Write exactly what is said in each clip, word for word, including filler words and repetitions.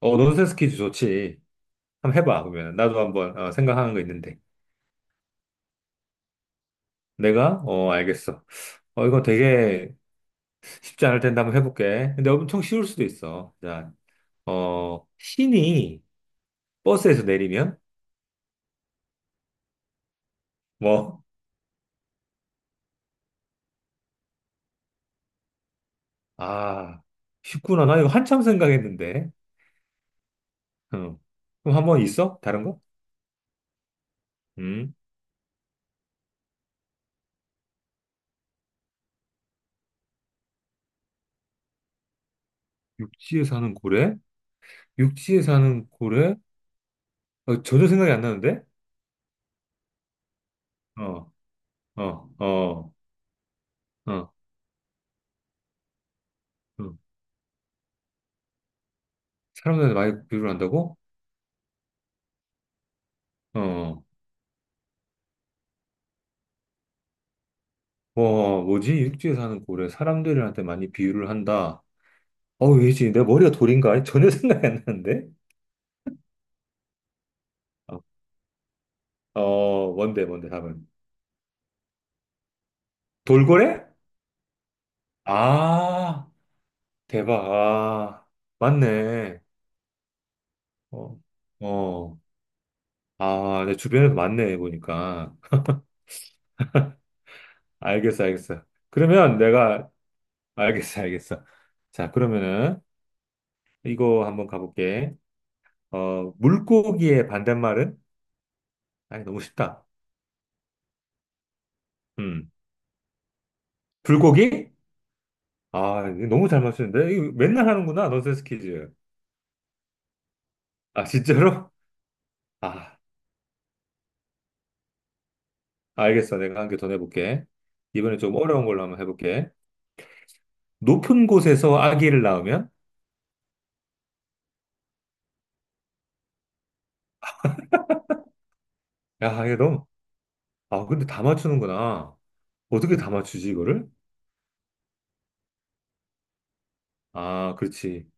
어, 논센스 퀴즈 좋지. 한번 해봐, 그러면. 나도 한번 어, 생각하는 거 있는데. 내가? 어, 알겠어. 어, 이거 되게 쉽지 않을 텐데 한번 해볼게. 근데 엄청 쉬울 수도 있어. 자, 어, 신이 버스에서 내리면? 뭐? 아, 쉽구나. 나 이거 한참 생각했는데. 어. 그럼 한번 있어? 다른 거? 음. 육지에 사는 고래? 육지에 사는 고래? 어, 전혀 생각이 안 나는데? 어, 어, 어, 어. 어. 사람들한테 많이 비유를 한다고? 어. 어. 와, 뭐지? 육지에 사는 고래 사람들한테 많이 비유를 한다. 어, 왜지? 내 머리가 돌인가? 전혀 생각이 안 나는데? 어, 어, 뭔데, 뭔데, 답은. 돌고래? 아, 대박. 아, 맞네. 어, 어. 아, 내 주변에도 많네, 보니까. 알겠어, 알겠어. 그러면 내가, 알겠어, 알겠어. 자, 그러면은, 이거 한번 가볼게. 어, 물고기의 반대말은? 아니, 너무 쉽다. 음. 불고기? 아, 이거 너무 잘 맞추는데? 이거 맨날 하는구나, 넌센스 퀴즈. 아, 진짜로? 아, 알겠어. 내가 한 개 더 내볼게. 이번에 좀 어려운 걸로 한번 해볼게. 높은 곳에서 아기를 낳으면? 야, 이게 너무, 아, 근데 다 맞추는구나. 어떻게 다 맞추지, 이거를? 아, 그렇지.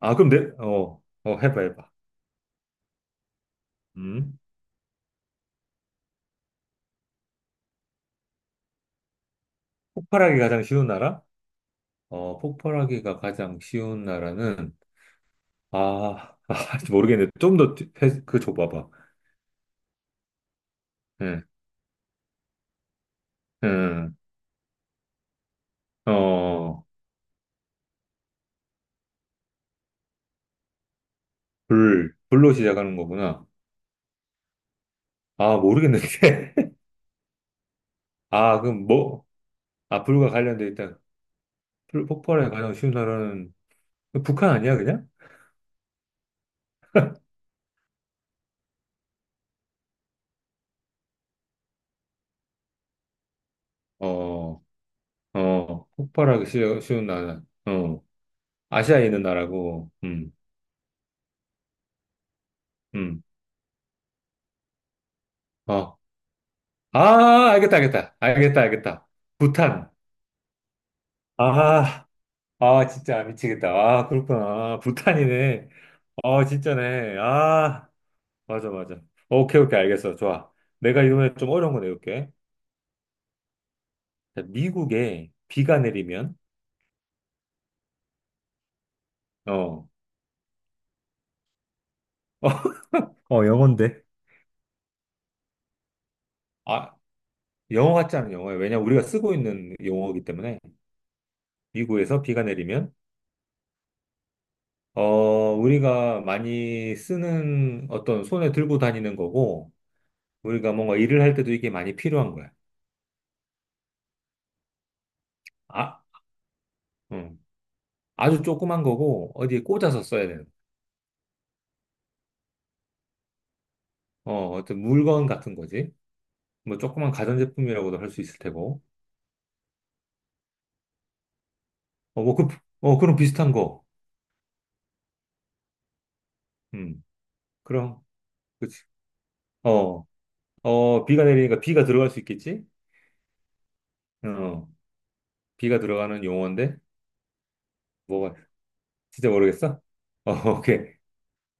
아, 그럼 내, 어, 어, 해봐, 해봐. 음? 폭발하기 가장 쉬운 나라? 어, 폭발하기가 가장 쉬운 나라는, 아, 아, 모르겠네. 좀 더, 그, 줘봐봐. 응, 응, 어. 어. 불, 불로 시작하는 거구나. 아, 모르겠는데. 아, 그럼 뭐, 아, 불과 관련돼 있다. 불, 폭발에 가장 쉬운 나라는, 북한 아니야, 그냥? 어, 어, 폭발하기 쉬, 쉬운 나라. 어, 아시아에 있는 나라고, 음, 음, 어. 아, 알겠다, 알겠다. 알겠다, 알겠다. 부탄. 아, 아, 진짜 미치겠다. 아, 그렇구나. 아, 부탄이네. 아, 진짜네. 아, 맞아, 맞아. 오케이, 오케이, 알겠어. 좋아. 내가 이번에 좀 어려운 거 내볼게. 미국에 비가 내리면. 어, 어, 영어인데. 아, 영어 같지 않은 영어예요. 왜냐 우리가 쓰고 있는 용어이기 때문에. 미국에서 비가 내리면 어, 우리가 많이 쓰는 어떤 손에 들고 다니는 거고 우리가 뭔가 일을 할 때도 이게 많이 필요한 거야. 아, 음. 아주 조그만 거고 어디에 꽂아서 써야 되는 어, 어떤 물건 같은 거지. 뭐 조그만 가전제품이라고도 할 수 있을 테고. 어, 뭐 그, 어, 그런 비슷한 거. 음, 그럼, 그치. 어, 어, 비가 내리니까 비가 들어갈 수 있겠지? 어, 비가 들어가는 용어인데, 뭐가, 진짜 모르겠어? 어, 오케이.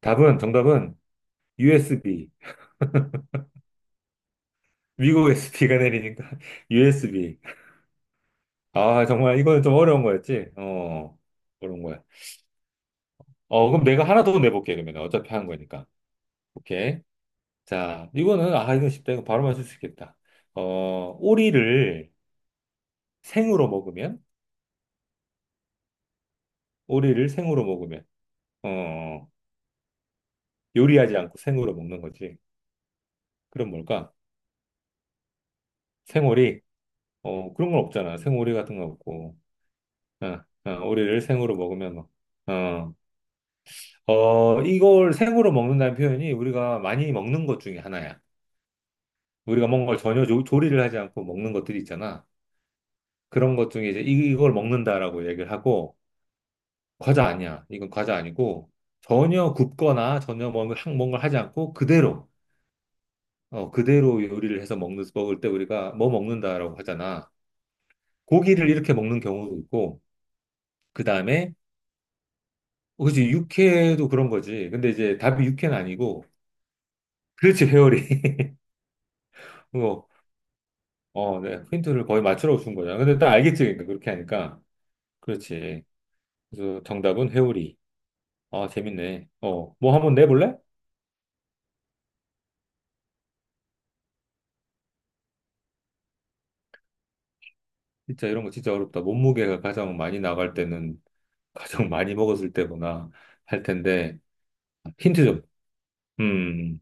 답은, 정답은 유 에스 비. 미국에서 비가 내리니까 유 에스 비. 아, 정말 이거는 좀 어려운 거였지? 어, 어려운 거야. 어, 그럼 내가 하나 더 내볼게, 그러면. 어차피 한 거니까. 오케이. 자, 이거는, 아, 이건 쉽다. 이거 바로 맞출 수 있겠다. 어, 오리를 생으로 먹으면? 오리를 생으로 먹으면? 어, 요리하지 않고 생으로 먹는 거지. 그럼 뭘까? 생오리? 어, 그런 건 없잖아. 생오리 같은 거 없고. 어, 어, 오리를 생으로 먹으면 뭐. 어, 어, 이걸 생으로 먹는다는 표현이 우리가 많이 먹는 것 중에 하나야. 우리가 먹는 걸 전혀 조, 조리를 하지 않고 먹는 것들이 있잖아. 그런 것 중에 이제 이- 이걸 먹는다라고 얘기를 하고, 과자 아니야. 이건 과자 아니고, 전혀 굽거나 전혀 뭔가 한- 뭔가를 하지 않고 그대로, 어, 그대로 요리를 해서 먹는, 먹을 때 우리가 뭐 먹는다라고 하잖아. 고기를 이렇게 먹는 경우도 있고, 그 다음에 어, 그치, 육회도 그런 거지. 근데 이제 답이 육회는 아니고, 그렇지, 회오리. 뭐, 어, 네, 힌트를 거의 맞추라고 준 거잖아. 근데 딱 알겠지, 그러니까, 그렇게 하니까. 그렇지. 그래서 정답은 회오리. 아, 재밌네. 어, 뭐 한번 내볼래? 진짜 이런 거 진짜 어렵다. 몸무게가 가장 많이 나갈 때는 가장 많이 먹었을 때구나 할 텐데, 힌트 좀. 음,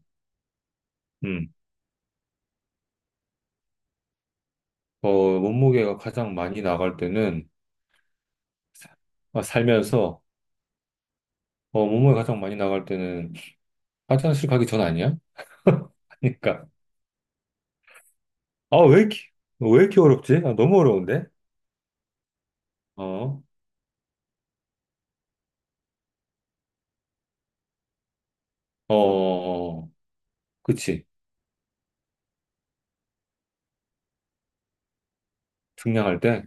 음. 어, 몸무게가 가장 많이 나갈 때는, 사- 아, 살면서, 어, 몸무게가 가장 많이 나갈 때는 화장실 가기 전 아니야? 그러니까, 아, 왜 이렇게, 왜 이렇게 어렵지? 아, 너무 어려운데? 어, 어, 어, 어. 그치. 증량할 때,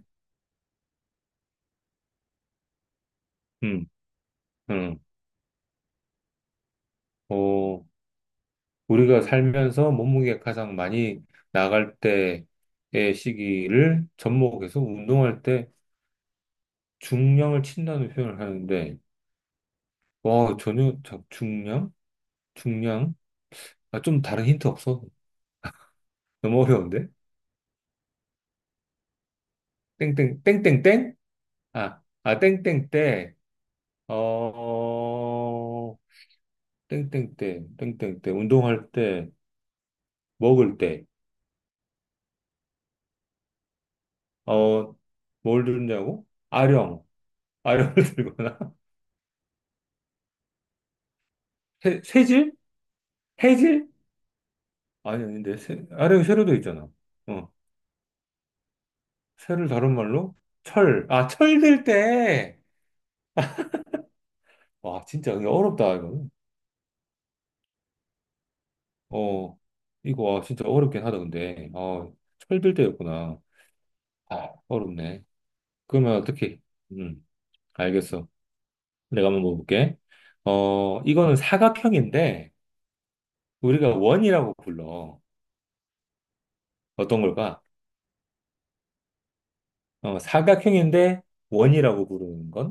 응. 응. 어, 우리가 살면서 몸무게 가장 많이 나갈 때의 시기를 접목해서 운동할 때 중량을 친다는 표현을 하는데, 와, 전혀 자- 중량, 중량, 아, 좀 다른 힌트 없어. 너무 어려운데? 땡땡 땡땡땡? 아, 아 땡땡땡. 어, 땡땡땡, 땡땡땡, 운동할 때, 먹을 때, 어, 뭘 들냐고? 아령, 아령을 들거나. 새, 새질? 해질? 아니, 아닌데, 새, 아령이 새로 돼 있잖아. 어, 새를 다른 말로? 철, 아, 철들 때! 와, 진짜 이거 어렵다, 이거. 어, 이거, 와, 진짜 어렵긴 하다, 근데. 어, 철들 때였구나. 아, 어렵네. 그러면 어떻게, 음, 알겠어. 내가 한번 먹어볼게. 어, 이거는 사각형인데, 우리가 원이라고 불러. 어떤 걸까? 어, 사각형인데, 원이라고 부르는 건?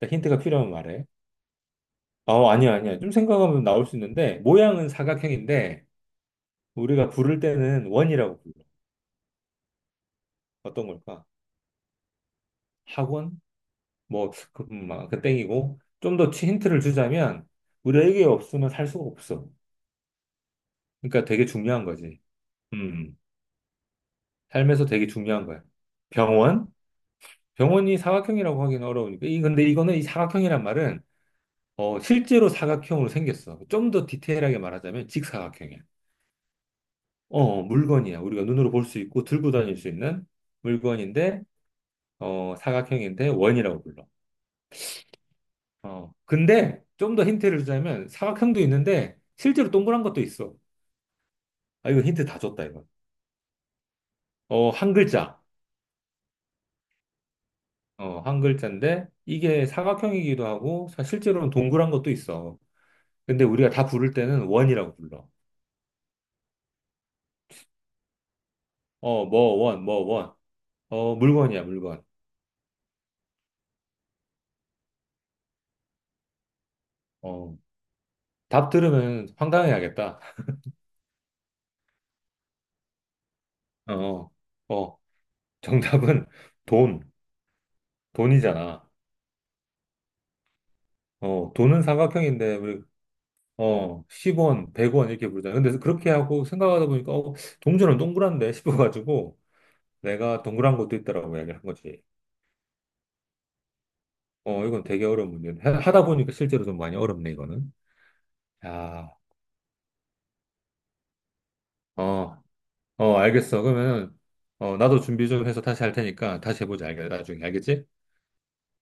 나 힌트가 필요하면 말해. 어, 아니야, 아니야. 좀 생각하면 나올 수 있는데, 모양은 사각형인데, 우리가 부를 때는 원이라고 불러. 어떤 걸까? 학원? 뭐, 그, 음, 아, 그 땡이고. 좀 더 힌트를 주자면, 우리에게 없으면 살 수가 없어. 그러니까 되게 중요한 거지. 음, 음. 삶에서 되게 중요한 거야. 병원? 병원이 사각형이라고 하기는 어려우니까. 이, 근데 이거는 이 사각형이란 말은 어, 실제로 사각형으로 생겼어. 좀 더 디테일하게 말하자면 직사각형이야. 어, 어, 물건이야. 우리가 눈으로 볼 수 있고 들고 다닐 수 있는 물건인데 어, 사각형인데 원이라고 불러. 어, 근데 좀 더 힌트를 주자면 사각형도 있는데 실제로 동그란 것도 있어. 아, 이거 힌트 다 줬다, 이거. 어, 한 글자. 어, 한 글자인데 이게 사각형이기도 하고 사- 실제로는 동그란 것도 있어. 근데 우리가 다 부를 때는 원이라고 불러. 어, 뭐, 원, 뭐, 원. 어, 물건이야, 물건. 어, 답 들으면 황당해야겠다. 어, 어, 정답은 돈, 돈이잖아. 어, 돈은 삼각형인데, 우리, 어, 십 원, 백 원 이렇게 부르잖아. 근데 그렇게 하고 생각하다 보니까, 어, 동전은 동그란데 싶어가지고, 내가 동그란 것도 있다라고 이야기를 한 거지. 어, 이건 되게 어려운 문제인데, 하- 하다 보니까 실제로 좀 많이 어렵네, 이거는. 아, 어, 어, 알겠어. 그러면, 어, 나도 준비 좀 해서 다시 할 테니까 다시 해보자, 알, 나중에. 알겠지?